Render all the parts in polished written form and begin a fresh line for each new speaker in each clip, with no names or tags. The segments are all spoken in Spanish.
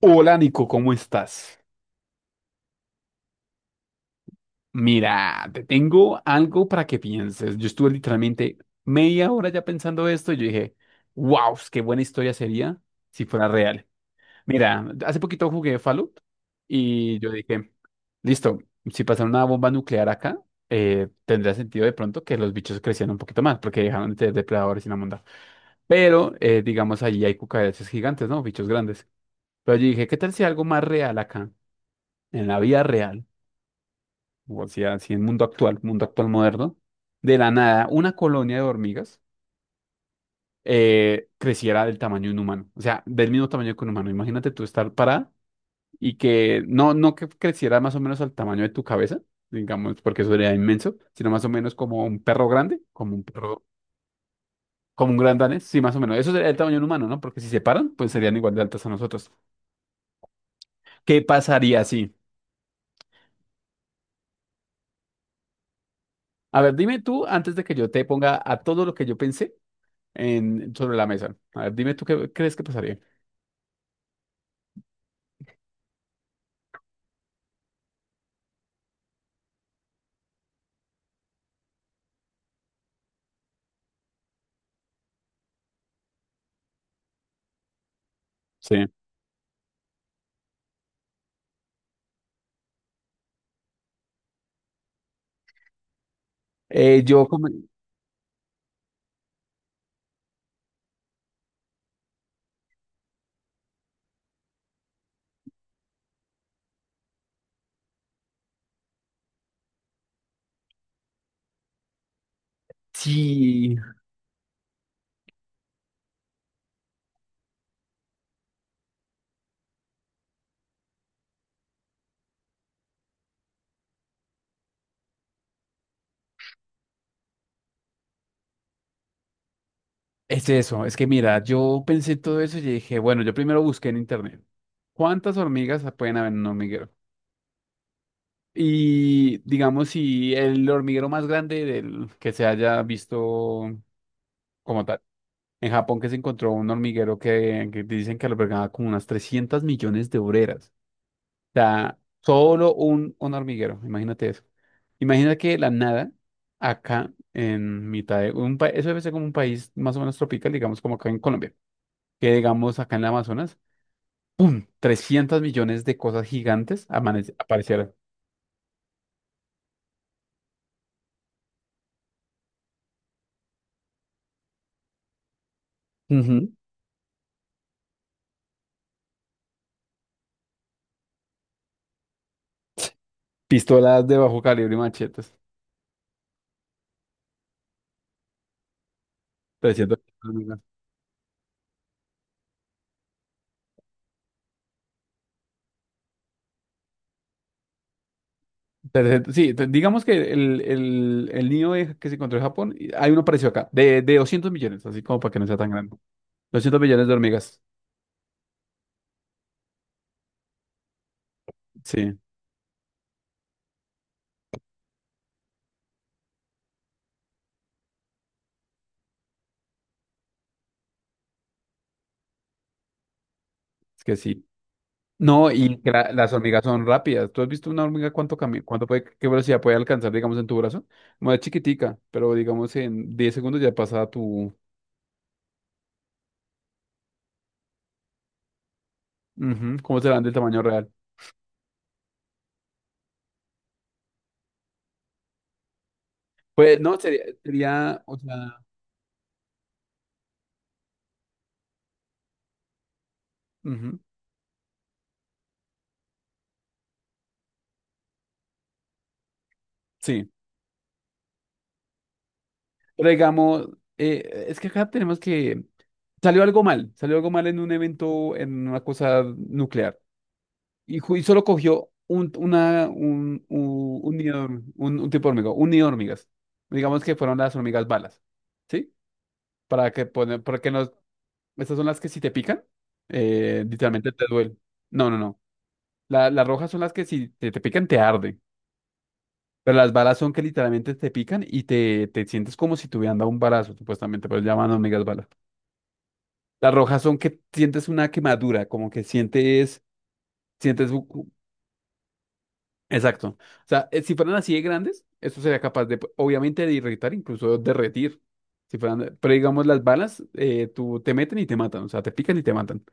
Hola Nico, ¿cómo estás? Mira, te tengo algo para que pienses. Yo estuve literalmente media hora ya pensando esto y yo dije, wow, qué buena historia sería si fuera real. Mira, hace poquito jugué Fallout y yo dije, listo, si pasara una bomba nuclear acá, tendría sentido de pronto que los bichos crecieran un poquito más porque dejaron de ser depredadores y una monda. Pero, digamos, allí hay cucarachas gigantes, ¿no? Bichos grandes. Pero yo dije, ¿qué tal si algo más real acá, en la vida real? O sea, así en mundo actual moderno, de la nada, una colonia de hormigas creciera del tamaño de un humano, o sea, del mismo tamaño que un humano. Imagínate tú estar parada y que no, no que creciera más o menos al tamaño de tu cabeza, digamos, porque eso sería inmenso, sino más o menos como un perro grande, como un perro, como un gran danés, sí, más o menos. Eso sería el tamaño de un humano, ¿no? Porque si se paran, pues serían igual de altas a nosotros. ¿Qué pasaría así? A ver, dime tú, antes de que yo te ponga a todo lo que yo pensé sobre la mesa. A ver, dime tú qué crees que pasaría. Sí. Yo como. Sí, es eso. Es que mira, yo pensé todo eso y dije, bueno, yo primero busqué en internet. ¿Cuántas hormigas pueden haber en un hormiguero? Y digamos, si el hormiguero más grande del que se haya visto como tal. En Japón que, se encontró un hormiguero que dicen que albergaba como unas 300 millones de obreras. Sea, solo un hormiguero, imagínate eso. Imagina que de la nada, acá en mitad de un país, eso debe ser como un país más o menos tropical, digamos como acá en Colombia, que digamos acá en el Amazonas, 300 millones de cosas gigantes aparecieron. Ujú. Pistolas de bajo calibre y machetes. 300 millones. 300, sí, digamos que el niño que se encontró en Japón, y hay uno parecido acá, de 200 millones, así como para que no sea tan grande. 200 millones de hormigas. Sí, es que sí. No, y que las hormigas son rápidas. ¿Tú has visto una hormiga cuánto camina, cuánto puede, qué velocidad puede alcanzar, digamos, en tu brazo? Como es chiquitica, pero digamos en 10 segundos ya pasa a tu. Ujú, ¿cómo serán del tamaño real? Pues no, sería, o sea, ujú, sí. Pero digamos, es que acá tenemos que. Salió algo mal en un evento, en una cosa nuclear. Y solo cogió un nido de un tipo de hormiga, un nido de hormigas. Digamos que fueron las hormigas balas, ¿sí? Para que poner, para que no, estas son las que si te pican, literalmente te duele. No, no, no. Las rojas son las que si te, te, pican te arde. Pero las balas son que literalmente te pican y te sientes como si te hubieran dado un balazo, supuestamente, pero llaman hormigas balas. Las rojas son que sientes una quemadura, como que sientes. Exacto. O sea, si fueran así de grandes, esto sería capaz de, pues, obviamente, de irritar, incluso derretir. Si fueran, pero digamos, las balas, tú te meten y te matan, o sea, te pican y te matan.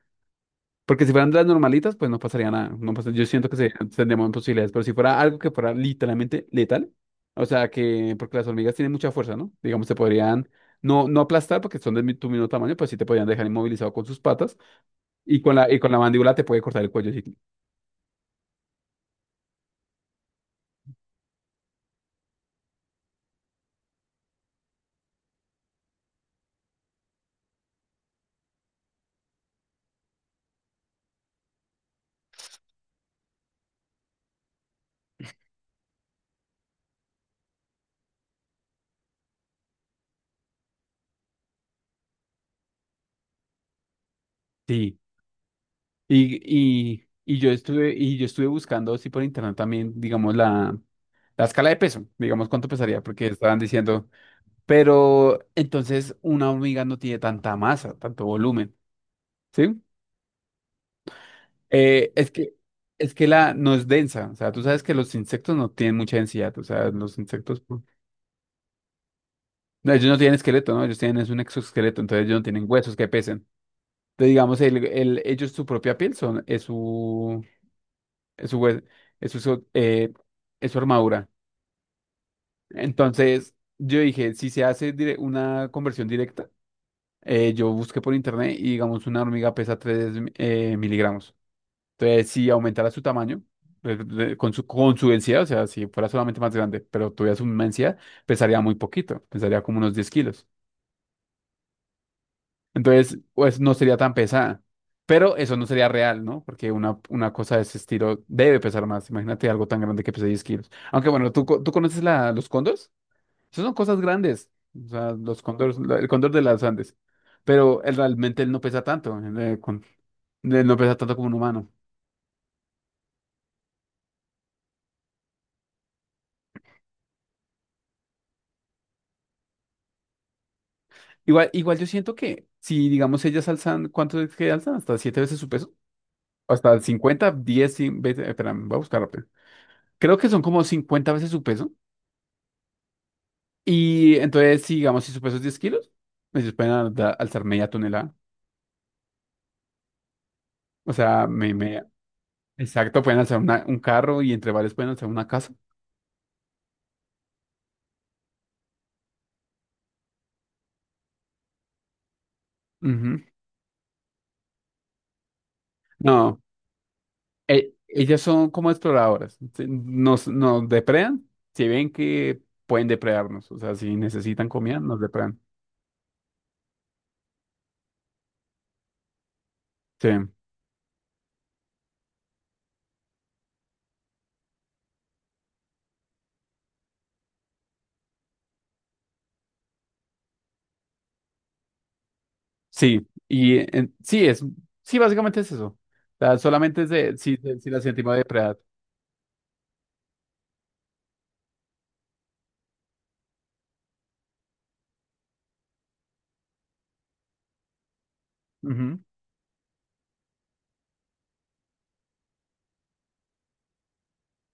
Porque si fueran de las normalitas, pues no pasaría nada. No pasa- yo siento tendríamos posibilidades, pero si fuera algo que fuera literalmente letal, o sea, porque las hormigas tienen mucha fuerza, ¿no? Digamos, te podrían, no, no aplastar porque son de tu mismo tamaño, pues sí te podrían dejar inmovilizado con sus patas y con la mandíbula te puede cortar el cuello. Sí, sí. Y yo estuve buscando así por internet también, digamos, la escala de peso, digamos cuánto pesaría, porque estaban diciendo, pero entonces una hormiga no tiene tanta masa, tanto volumen, ¿sí? Eh, es que, es que la no es densa, o sea, tú sabes que los insectos no tienen mucha densidad, o sea, los insectos, pues, no, ellos no tienen esqueleto, ¿no? Ellos tienen es un exoesqueleto, entonces ellos no tienen huesos que pesen. Entonces, digamos, ellos su propia piel son, es su, hue- es su, so- eh, es su armadura. Entonces, yo dije, si se hace una conversión directa, yo busqué por internet y digamos una hormiga pesa 3 miligramos. Entonces, si aumentara su tamaño, con su densidad, o sea, si fuera solamente más grande, pero tuviera su misma densidad, pesaría muy poquito, pesaría como unos 10 kilos. Entonces, pues no sería tan pesada. Pero eso no sería real, ¿no? Porque una cosa de ese estilo debe pesar más. Imagínate algo tan grande que pesa 10 kilos. Aunque bueno, ¿tú, tú conoces los cóndores? Esas son cosas grandes. O sea, los cóndores, el cóndor de las Andes. Pero él, realmente él no pesa tanto. Él no pesa tanto como un humano. Igual, igual yo siento que si, digamos, ellas alzan, ¿cuánto es que alzan? Hasta siete veces su peso. O hasta 50 10 100 veces. Espera, voy a buscar rápido. Creo que son como 50 veces su peso. Y entonces, si, digamos, si su peso es 10 kilos, ellos pueden alzar media tonelada. O sea, exacto, pueden alzar un carro y entre varios pueden alzar una casa. Ujú. No. Ellas son como exploradoras. Nos depredan, si ven que pueden depredarnos. O sea, si necesitan comida, nos depredan. Sí, sí. Y sí, básicamente es eso. O sea, solamente es de, si la sentimos depredada. Ujú.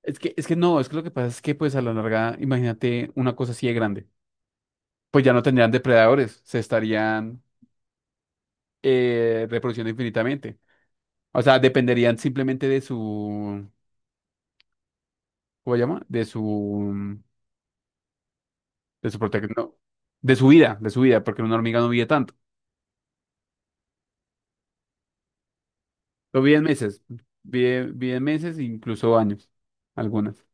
Es que no, es que lo que pasa es que pues a la larga, imagínate una cosa así de grande. Pues ya no tendrían depredadores, se estarían reproduciendo infinitamente. O sea, dependerían simplemente de su, ¿cómo se llama? De su prote- no, De su vida, porque una hormiga no vive tanto. Lo vive en meses, vive en meses, incluso años, algunas.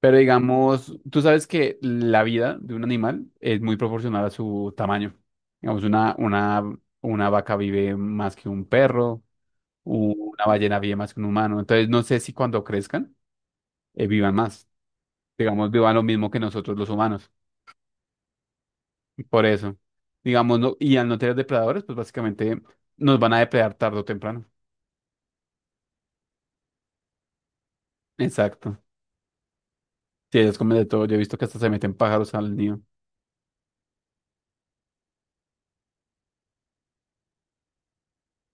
Pero digamos, tú sabes que la vida de un animal es muy proporcional a su tamaño. Digamos, una vaca vive más que un perro, una ballena vive más que un humano. Entonces, no sé si cuando crezcan, vivan más. Digamos, vivan lo mismo que nosotros los humanos. Por eso, digamos, no, y al no tener depredadores, pues básicamente nos van a depredar tarde o temprano. Exacto. Sí, ellos comen de todo. Yo he visto que hasta se meten pájaros al nido.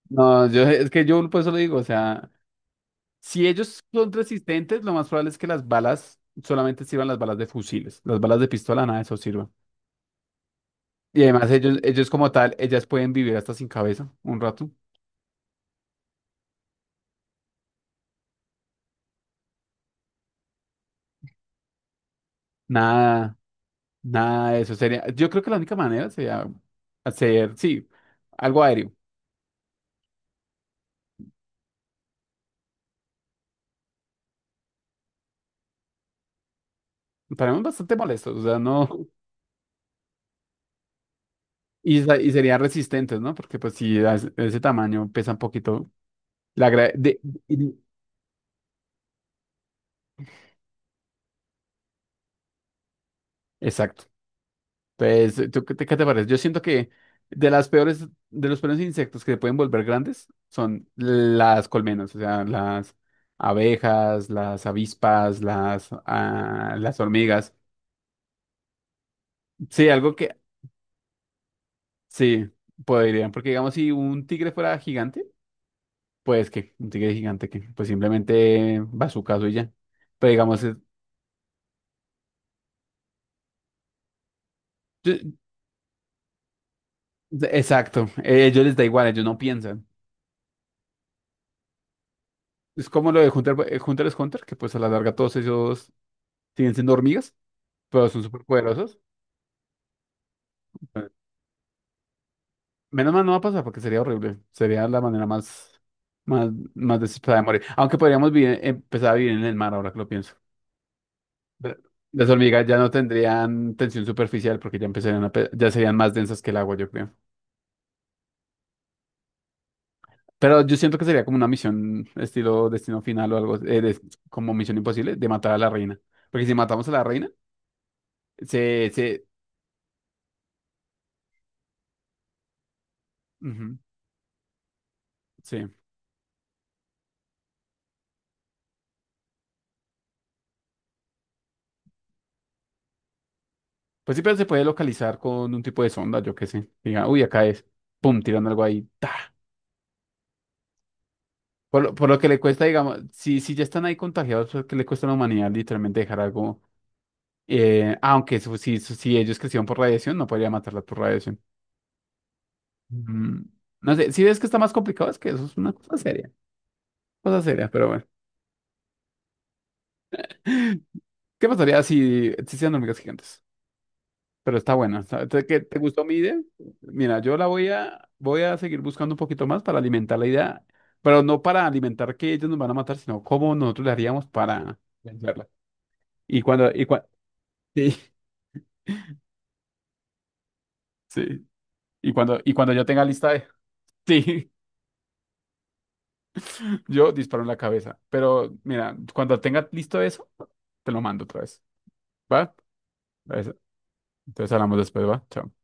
No, yo es que yo por eso lo digo, o sea, si ellos son resistentes, lo más probable es que las balas solamente sirvan las balas de fusiles, las balas de pistola nada de eso sirvan. Y además ellas pueden vivir hasta sin cabeza un rato. Nada, nada de eso sería. Yo creo que la única manera sería hacer, sí, algo aéreo. Estaremos bastante molestos, o sea, no. Y serían resistentes, ¿no? Porque pues si a ese tamaño pesa un poquito. La gra- de- Exacto. Entonces, ¿tú qué te, parece? Yo siento que de los peores insectos que se pueden volver grandes son las colmenas, o sea, las abejas, las avispas, las hormigas. Sí, algo que sí podrían, porque digamos, si un tigre fuera gigante, pues que un tigre gigante que pues simplemente va a su caso y ya. Pero digamos, yo- exacto, ellos les da igual, ellos no piensan. Es como lo de Hunter, Hunter x Hunter, que pues a la larga todos ellos siguen siendo hormigas, pero son súper poderosos. Menos mal no va a pasar porque sería horrible. Sería la manera más, más, más desesperada de morir. Aunque podríamos empezar a vivir en el mar ahora que lo pienso. Pero las hormigas ya no tendrían tensión superficial porque ya empezarían ya serían más densas que el agua, yo creo. Pero yo siento que sería como una misión estilo Destino Final o algo, como Misión Imposible, de matar a la reina. Porque si matamos a la reina, se, se, ujú, sí. Pues sí, pero se puede localizar con un tipo de sonda, yo qué sé. Diga, uy, acá es. Pum, tiran algo ahí. Ta. Por lo que le cuesta, digamos, si ya están ahí contagiados, pues, ¿qué le cuesta a la humanidad literalmente dejar algo? Aunque si ellos crecieron por radiación, no podría matarlas por radiación. Mm, no sé, si ves que está más complicado, es que eso es una cosa seria. Cosa seria, pero bueno. ¿Qué pasaría si existieran hormigas gigantes? Pero está buena. ¿Te gustó mi idea? Mira, yo la voy a seguir buscando un poquito más para alimentar la idea, pero no para alimentar que ellos nos van a matar, sino cómo nosotros le haríamos para vencerla. Y cuando, sí, sí. Y cuando yo tenga lista de, sí, yo disparo en la cabeza. Pero mira, cuando tenga listo eso, te lo mando otra vez. ¿Va? Eso. Entonces hablamos después, ¿va? Chao.